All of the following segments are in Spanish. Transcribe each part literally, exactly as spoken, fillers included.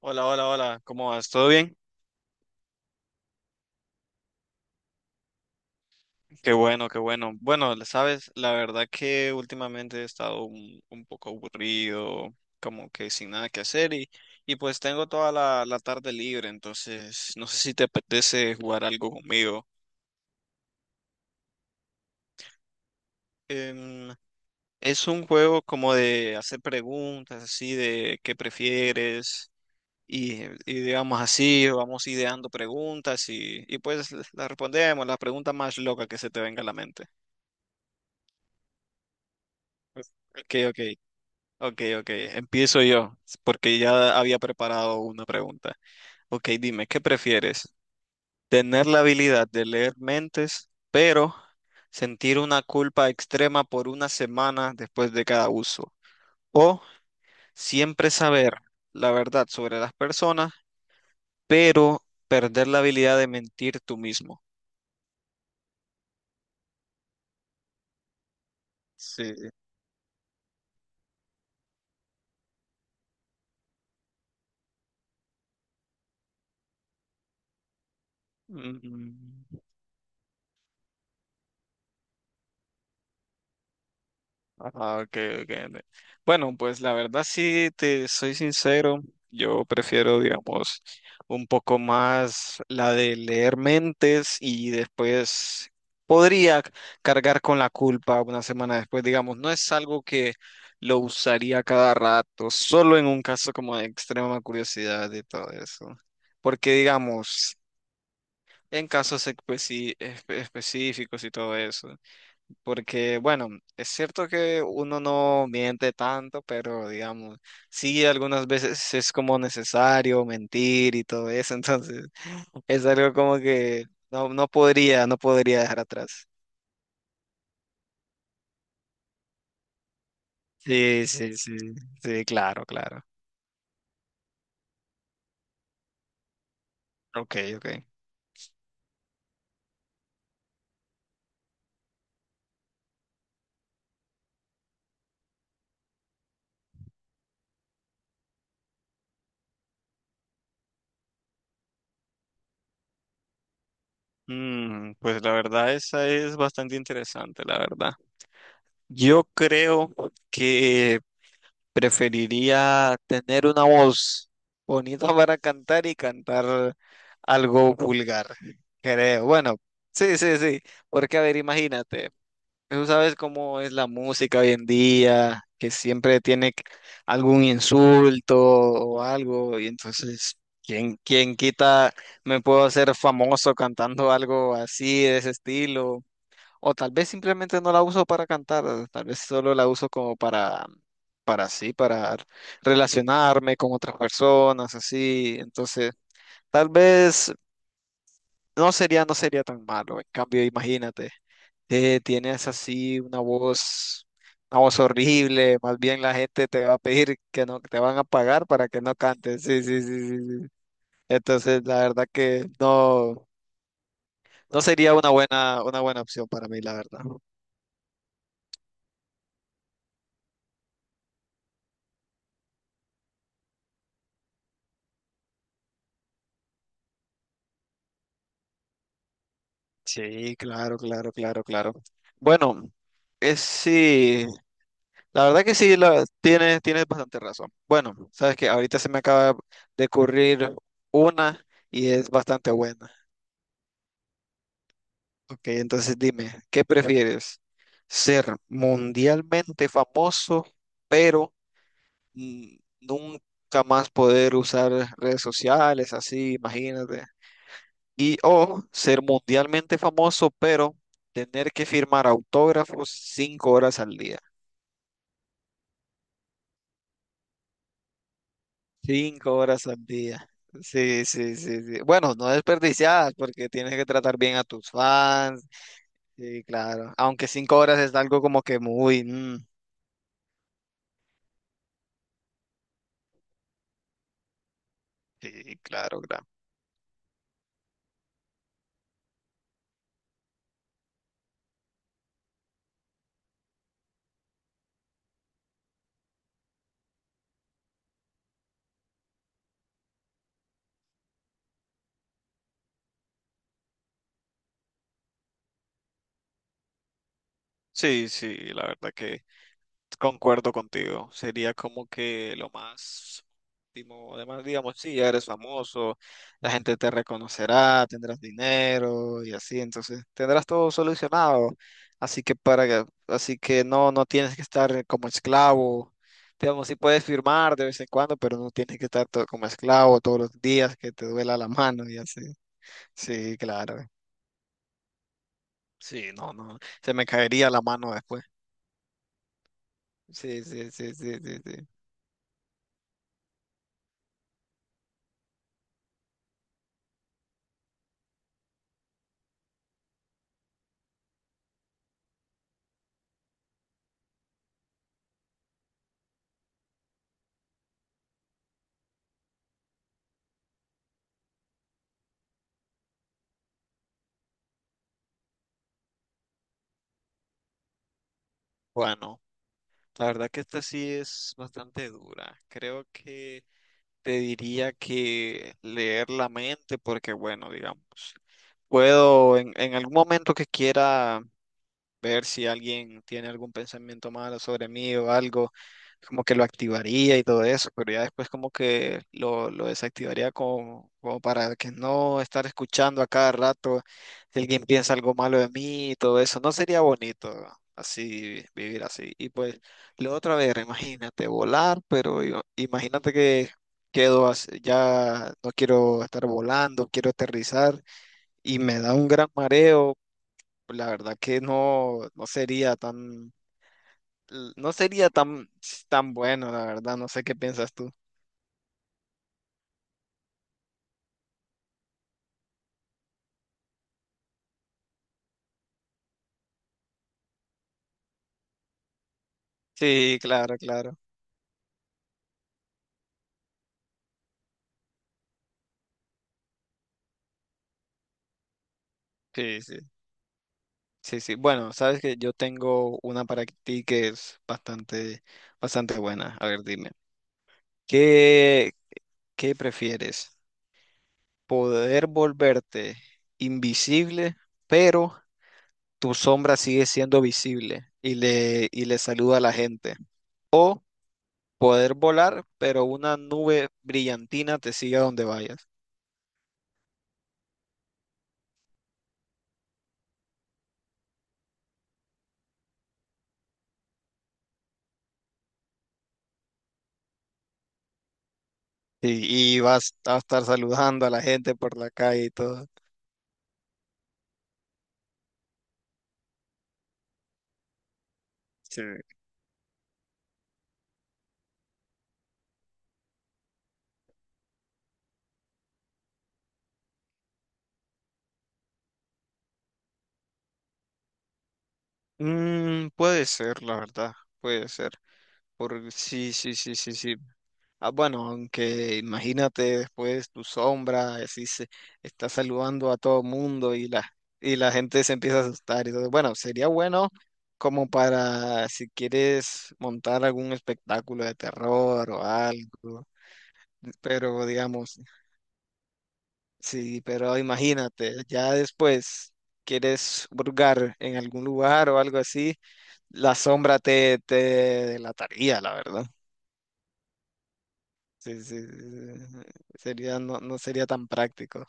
Hola, hola, hola, ¿cómo vas? ¿Todo bien? Qué bueno, qué bueno. Bueno, sabes, la verdad que últimamente he estado un, un poco aburrido, como que sin nada que hacer y, y pues tengo toda la, la tarde libre, entonces no sé si te apetece jugar algo conmigo. Em, es un juego como de hacer preguntas, así de qué prefieres y, y digamos así, vamos ideando preguntas y, y pues las respondemos, la pregunta más loca que se te venga a la mente. Ok, ok. Ok, ok, empiezo yo, porque ya había preparado una pregunta. Ok, dime, ¿qué prefieres? ¿Tener la habilidad de leer mentes, pero sentir una culpa extrema por una semana después de cada uso? ¿O siempre saber la verdad sobre las personas, pero perder la habilidad de mentir tú mismo? Sí. Mm. Ah, ok, ok, ande- bueno, pues la verdad sí, te soy sincero, yo prefiero, digamos, un poco más la de leer mentes y después podría c- cargar con la culpa una semana después, digamos, no es algo que lo usaría cada rato, solo en un caso como de extrema curiosidad y todo eso. Porque, digamos, en casos espe- específicos y todo eso. Porque, bueno, es cierto que uno no miente tanto, pero digamos, sí, algunas veces es como necesario mentir y todo eso, entonces es algo como que no, no podría, no podría dejar atrás. Sí, sí, sí, sí, claro, claro. Ok, ok. Mm, pues la verdad, esa es bastante interesante, la verdad. Yo creo que preferiría tener una voz bonita para cantar y cantar algo vulgar, creo. Bueno, sí, sí, sí, porque a ver, imagínate, tú sabes cómo es la música hoy en día, que siempre tiene c- algún insulto o algo, y entonces, ¿quién, ¿quién quita me puedo hacer famoso cantando algo así, de ese estilo? O tal vez simplemente no la uso para cantar, eh, tal vez solo la uso como para, para así, para relacionarme con otras personas, así. Entonces, tal vez no sería, no sería tan malo. En cambio, imagínate, eh, tienes así una voz, una voz horrible, más bien la gente te va a pedir que no, te van a pagar para que no cantes. Sí, sí, sí, sí, sí. Entonces, la verdad que no, no sería una buena, una buena opción para mí, la verdad. Sí, claro, claro, claro, claro. Bueno, es sí, la verdad que sí, la, tienes, tienes bastante razón. Bueno, sabes que ahorita se me acaba de ocurrir una y es bastante buena. Ok, entonces dime, ¿qué prefieres? ¿Ser mundialmente famoso, pero mm, nunca más poder usar redes sociales, así, imagínate? Y o ser mundialmente famoso, pero tener que firmar autógrafos cinco horas al día. Cinco horas al día. Sí, sí, sí, sí. Bueno, no desperdiciadas porque tienes que tratar bien a tus fans. Sí, claro. Aunque cinco horas es algo como que muy... mm, sí, claro, claro. Sí, sí, la verdad que... Concuerdo contigo, sería como que lo más óptimo. Además, digamos, sí, ya eres famoso, la gente te reconocerá, tendrás dinero y así, entonces tendrás todo solucionado. Así que para que, así que no, no tienes que estar como esclavo. Digamos, sí puedes firmar de vez en cuando, pero no tienes que estar to- como esclavo todos los días que te duela la mano y así. Sí, claro. Sí, no, no, se me caería la mano después. Sí, sí, sí, sí, sí, sí. Bueno. La verdad que esta sí es bastante dura. Creo que te diría que leer la mente, porque bueno, digamos, puedo en, en algún momento que quiera ver si alguien tiene algún pensamiento malo sobre mí o algo, como que lo activaría y todo eso, pero ya después como que lo, lo desactivaría como, como para que no estar escuchando a cada rato si alguien piensa algo malo de mí y todo eso, no sería bonito así vivir así. Y pues lo otra vez, imagínate volar, pero yo- imagínate que quedo así, ya no quiero estar volando, quiero aterrizar y me da un gran mareo pues la verdad que no, no sería tan, no sería tan, tan bueno, la verdad, no sé qué piensas tú. Sí, claro, claro. Sí, sí. Sí, sí. Bueno, sabes que yo tengo una para ti que es bastante, bastante buena. A ver, dime. ¿Qué, ¿qué prefieres? ¿Poder volverte invisible, pero tu sombra sigue siendo visible y le, y le saluda a la gente? Poder volar, pero una nube brillantina te sigue a donde vayas. Y, y vas a estar saludando a la gente por la calle y todo. Sí. Mm, puede ser, la verdad, puede ser. Por, sí, sí, sí, sí, sí. Ah, bueno, aunque imagínate después tu sombra, así se está saludando a todo mundo y la, y la gente se empieza a asustar. Y todo. Bueno, sería bueno como para si quieres montar algún espectáculo de terror o algo. Pero digamos, sí, pero imagínate, ya después quieres hurgar en algún lugar o algo así, la sombra te, te delataría, la verdad. Sí, sí, sí, sí. Sería, no, no sería tan práctico.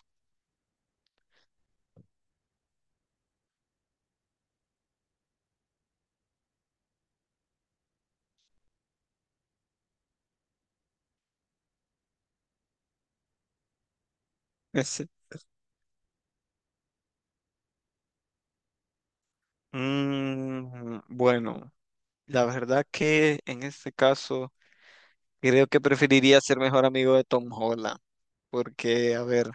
Sí. Mm, bueno, la verdad que en este caso creo que preferiría ser mejor amigo de Tom Holland, porque, a ver,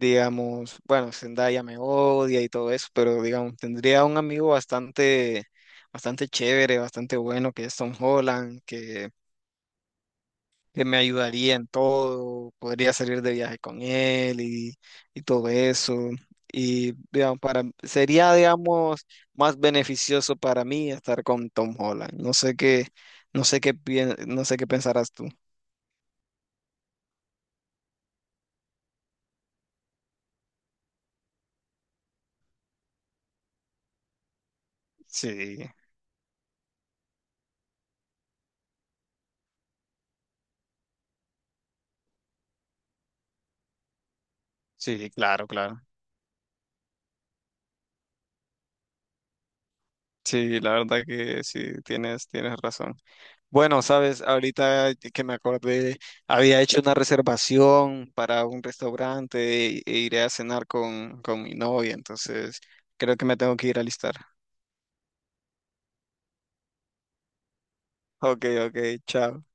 digamos, bueno, Zendaya me odia y todo eso, pero digamos, tendría un amigo bastante, bastante chévere, bastante bueno, que es Tom Holland, que, que me ayudaría en todo, podría salir de viaje con él y, y todo eso. Y digamos, para, sería, digamos, más beneficioso para mí estar con Tom Holland. No sé qué, no sé qué, pien- no sé qué pensarás tú. Sí, sí, claro, claro. Sí, la verdad que sí, tienes, tienes razón. Bueno, sabes, ahorita que me acordé, había hecho una reservación para un restaurante e, e iré a cenar con, con mi novia, entonces creo que me tengo que ir a alistar. Ok, ok, chao.